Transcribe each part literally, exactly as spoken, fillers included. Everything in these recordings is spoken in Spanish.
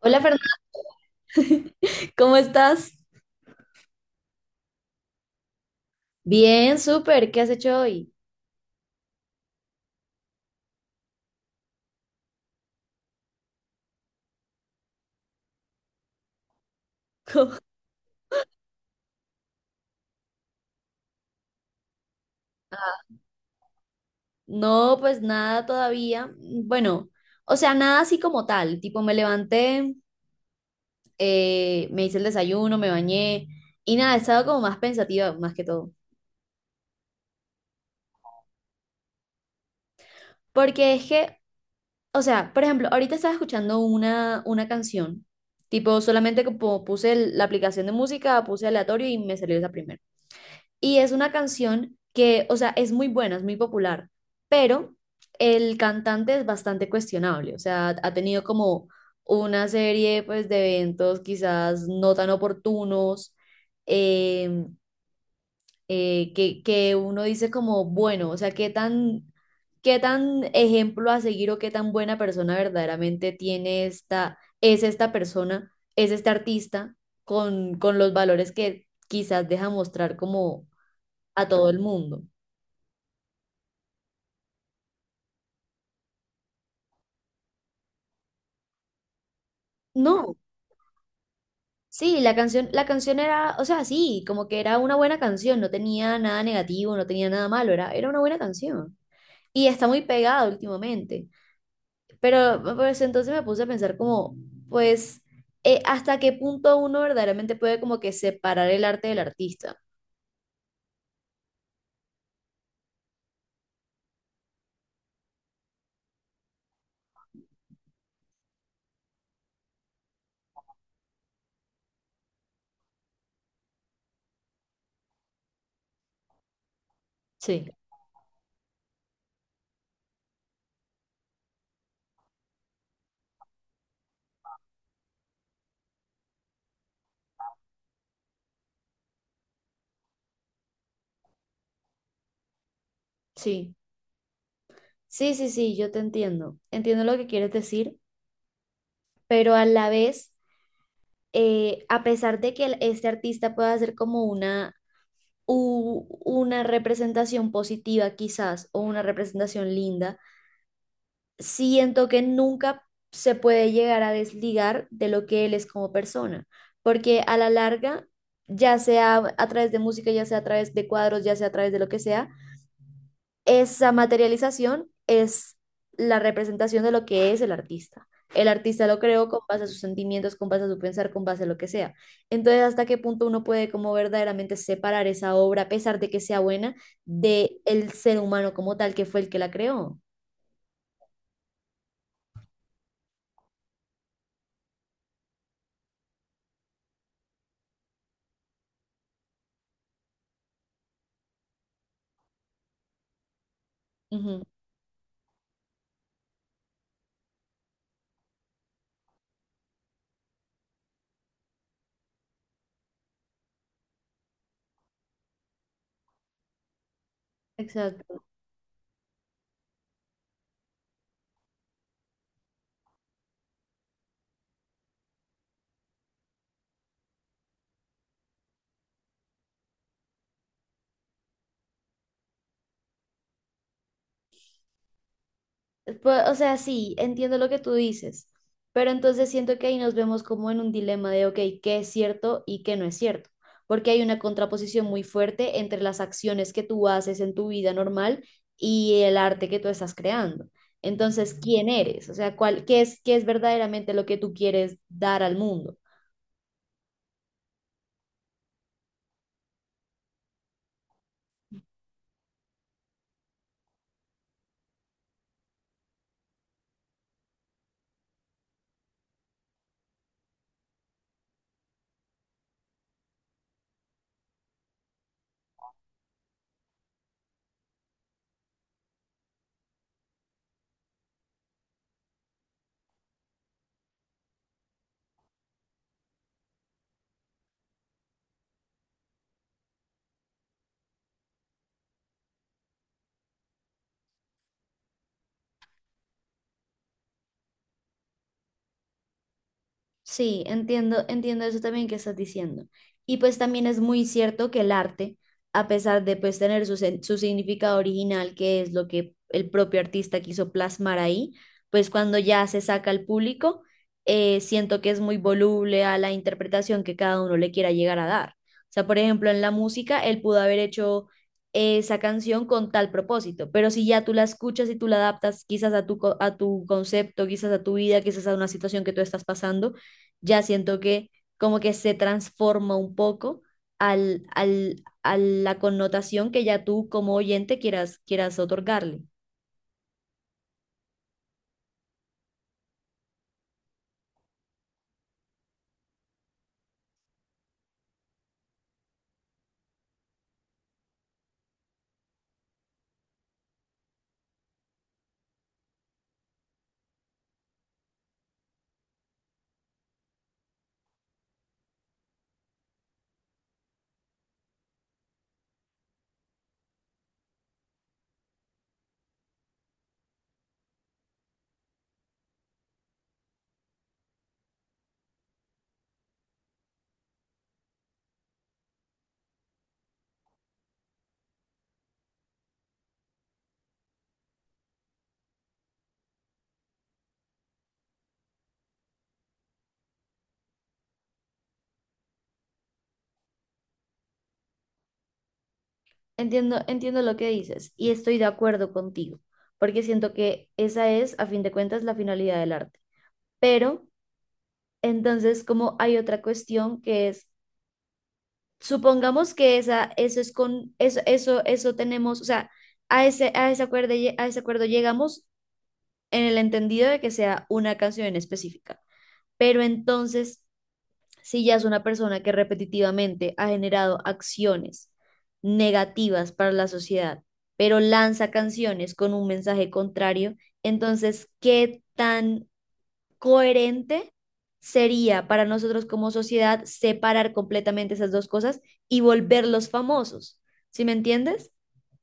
Hola Fernanda, ¿cómo estás? Bien, súper, ¿qué has hecho hoy? Co- No, pues nada todavía. Bueno, o sea, nada así como tal. Tipo, me levanté, eh, me hice el desayuno, me bañé y nada, he estado como más pensativa más que todo. Porque es que, o sea, por ejemplo, ahorita estaba escuchando una, una canción. Tipo, solamente como puse el- la aplicación de música, puse aleatorio y me salió esa primera. Y es una canción que, o sea, es muy buena, es muy popular, pero el cantante es bastante cuestionable, o sea, ha tenido como una serie pues de eventos quizás no tan oportunos, eh, eh, que, que uno dice como, bueno, o sea, qué tan, qué tan ejemplo a seguir o qué tan buena persona verdaderamente tiene esta, es esta persona, es este artista con, con los valores que quizás deja mostrar como a todo el mundo. No, sí, la canción, la canción era, o sea, sí, como que era una buena canción, no tenía nada negativo, no tenía nada malo, era, era una buena canción. Y está muy pegada últimamente. Pero pues entonces me puse a pensar como, pues, eh, ¿hasta qué punto uno verdaderamente puede como que separar el arte del artista? Sí. Sí, sí, sí, sí, yo te entiendo. Entiendo lo que quieres decir, pero a la vez, eh, a pesar de que el- este artista pueda hacer como una u- una representación positiva quizás o una representación linda, siento que nunca se puede llegar a desligar de lo que él es como persona, porque a la larga, ya sea a través de música, ya sea a través de cuadros, ya sea a través de lo que sea, esa materialización es la representación de lo que es el artista. El artista lo creó con base a sus sentimientos, con base a su pensar, con base a lo que sea. Entonces, ¿hasta qué punto uno puede como verdaderamente separar esa obra, a pesar de que sea buena, de el ser humano como tal que fue el que la creó? Ujú. Exacto. Pues, o sea, sí, entiendo lo que tú dices, pero entonces siento que ahí nos vemos como en un dilema de, ok, ¿qué es cierto y qué no es cierto? Porque hay una contraposición muy fuerte entre las acciones que tú haces en tu vida normal y el arte que tú estás creando. Entonces, ¿quién eres? O sea, ¿cuál, qué es, qué es verdaderamente lo que tú quieres dar al mundo? Sí, entiendo, entiendo eso también que estás diciendo. Y pues también es muy cierto que el arte, a pesar de pues tener su, sen- su significado original, que es lo que el propio artista quiso plasmar ahí, pues cuando ya se saca al público, eh, siento que es muy voluble a la interpretación que cada uno le quiera llegar a dar. O sea, por ejemplo, en la música, él pudo haber hecho esa canción con tal propósito, pero si ya tú la escuchas y tú la adaptas quizás a tu, co- a tu concepto, quizás a tu vida, quizás a una situación que tú estás pasando, ya siento que como que se transforma un poco al, al, a la connotación que ya tú como oyente quieras, quieras otorgarle. Entiendo, entiendo lo que dices y estoy de acuerdo contigo, porque siento que esa es, a fin de cuentas, la finalidad del arte. Pero entonces, como hay otra cuestión que es, supongamos que esa, eso es con, eso, eso, eso tenemos, o sea, a ese, a ese acuerdo, lle- a ese acuerdo llegamos en el entendido de que sea una canción en específica. Pero entonces, si ya es una persona que repetitivamente ha generado acciones negativas para la sociedad, pero lanza canciones con un mensaje contrario, entonces, ¿qué tan coherente sería para nosotros como sociedad separar completamente esas dos cosas y volverlos famosos? ¿Sí me entiendes?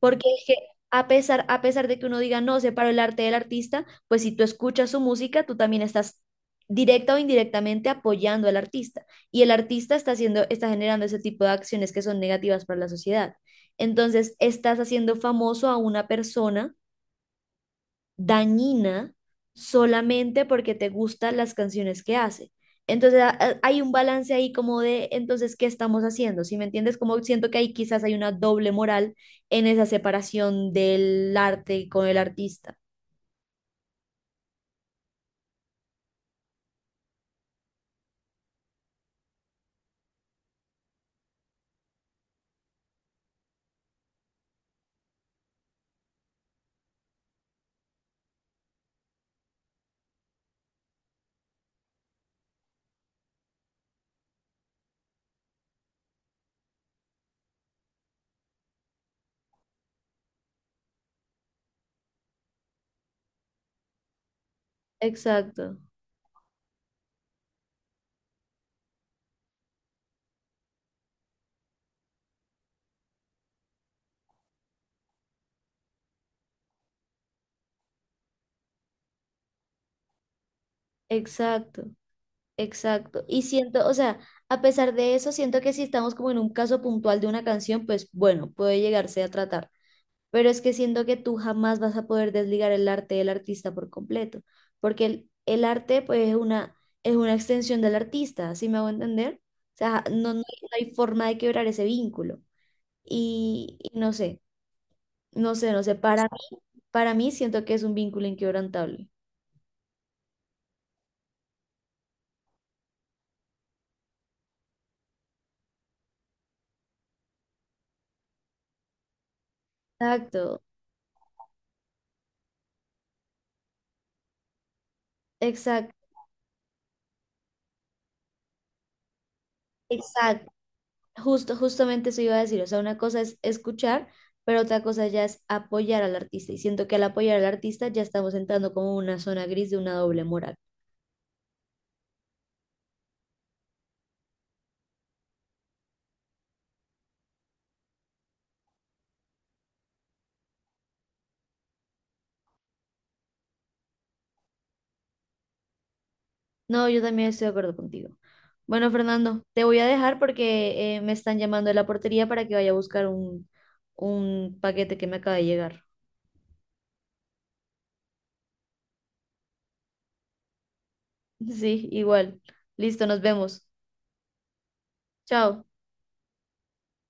Porque es que a pesar, a pesar de que uno diga, no, separo el arte del artista, pues si tú escuchas su música, tú también estás directa o indirectamente apoyando al artista. Y el artista está haciendo, está generando ese tipo de acciones que son negativas para la sociedad. Entonces, estás haciendo famoso a una persona dañina solamente porque te gustan las canciones que hace. Entonces a- a- hay un balance ahí como de, entonces, ¿qué estamos haciendo? ¿Si me entiendes? Como siento que ahí quizás hay una doble moral en esa separación del arte con el artista. Exacto, exacto, exacto. Y siento, o sea, a pesar de eso, siento que si estamos como en un caso puntual de una canción, pues bueno, puede llegarse a tratar. Pero es que siento que tú jamás vas a poder desligar el arte del artista por completo, porque el, el arte pues es una, es una extensión del artista, ¿sí me hago entender? O sea, no, no, hay no hay forma de quebrar ese vínculo. Y, y no sé, no sé, no sé, para mí, para mí siento que es un vínculo inquebrantable. Exacto, exacto, exacto. Justo, justamente eso iba a decir, o sea, una cosa es escuchar, pero otra cosa ya es apoyar al artista. Y siento que al apoyar al artista ya estamos entrando como en una zona gris de una doble moral. No, yo también estoy de acuerdo contigo. Bueno, Fernando, te voy a dejar porque eh, me están llamando de la portería para que vaya a buscar un, un paquete que me acaba de llegar. Sí, igual. Listo, nos vemos. Chao.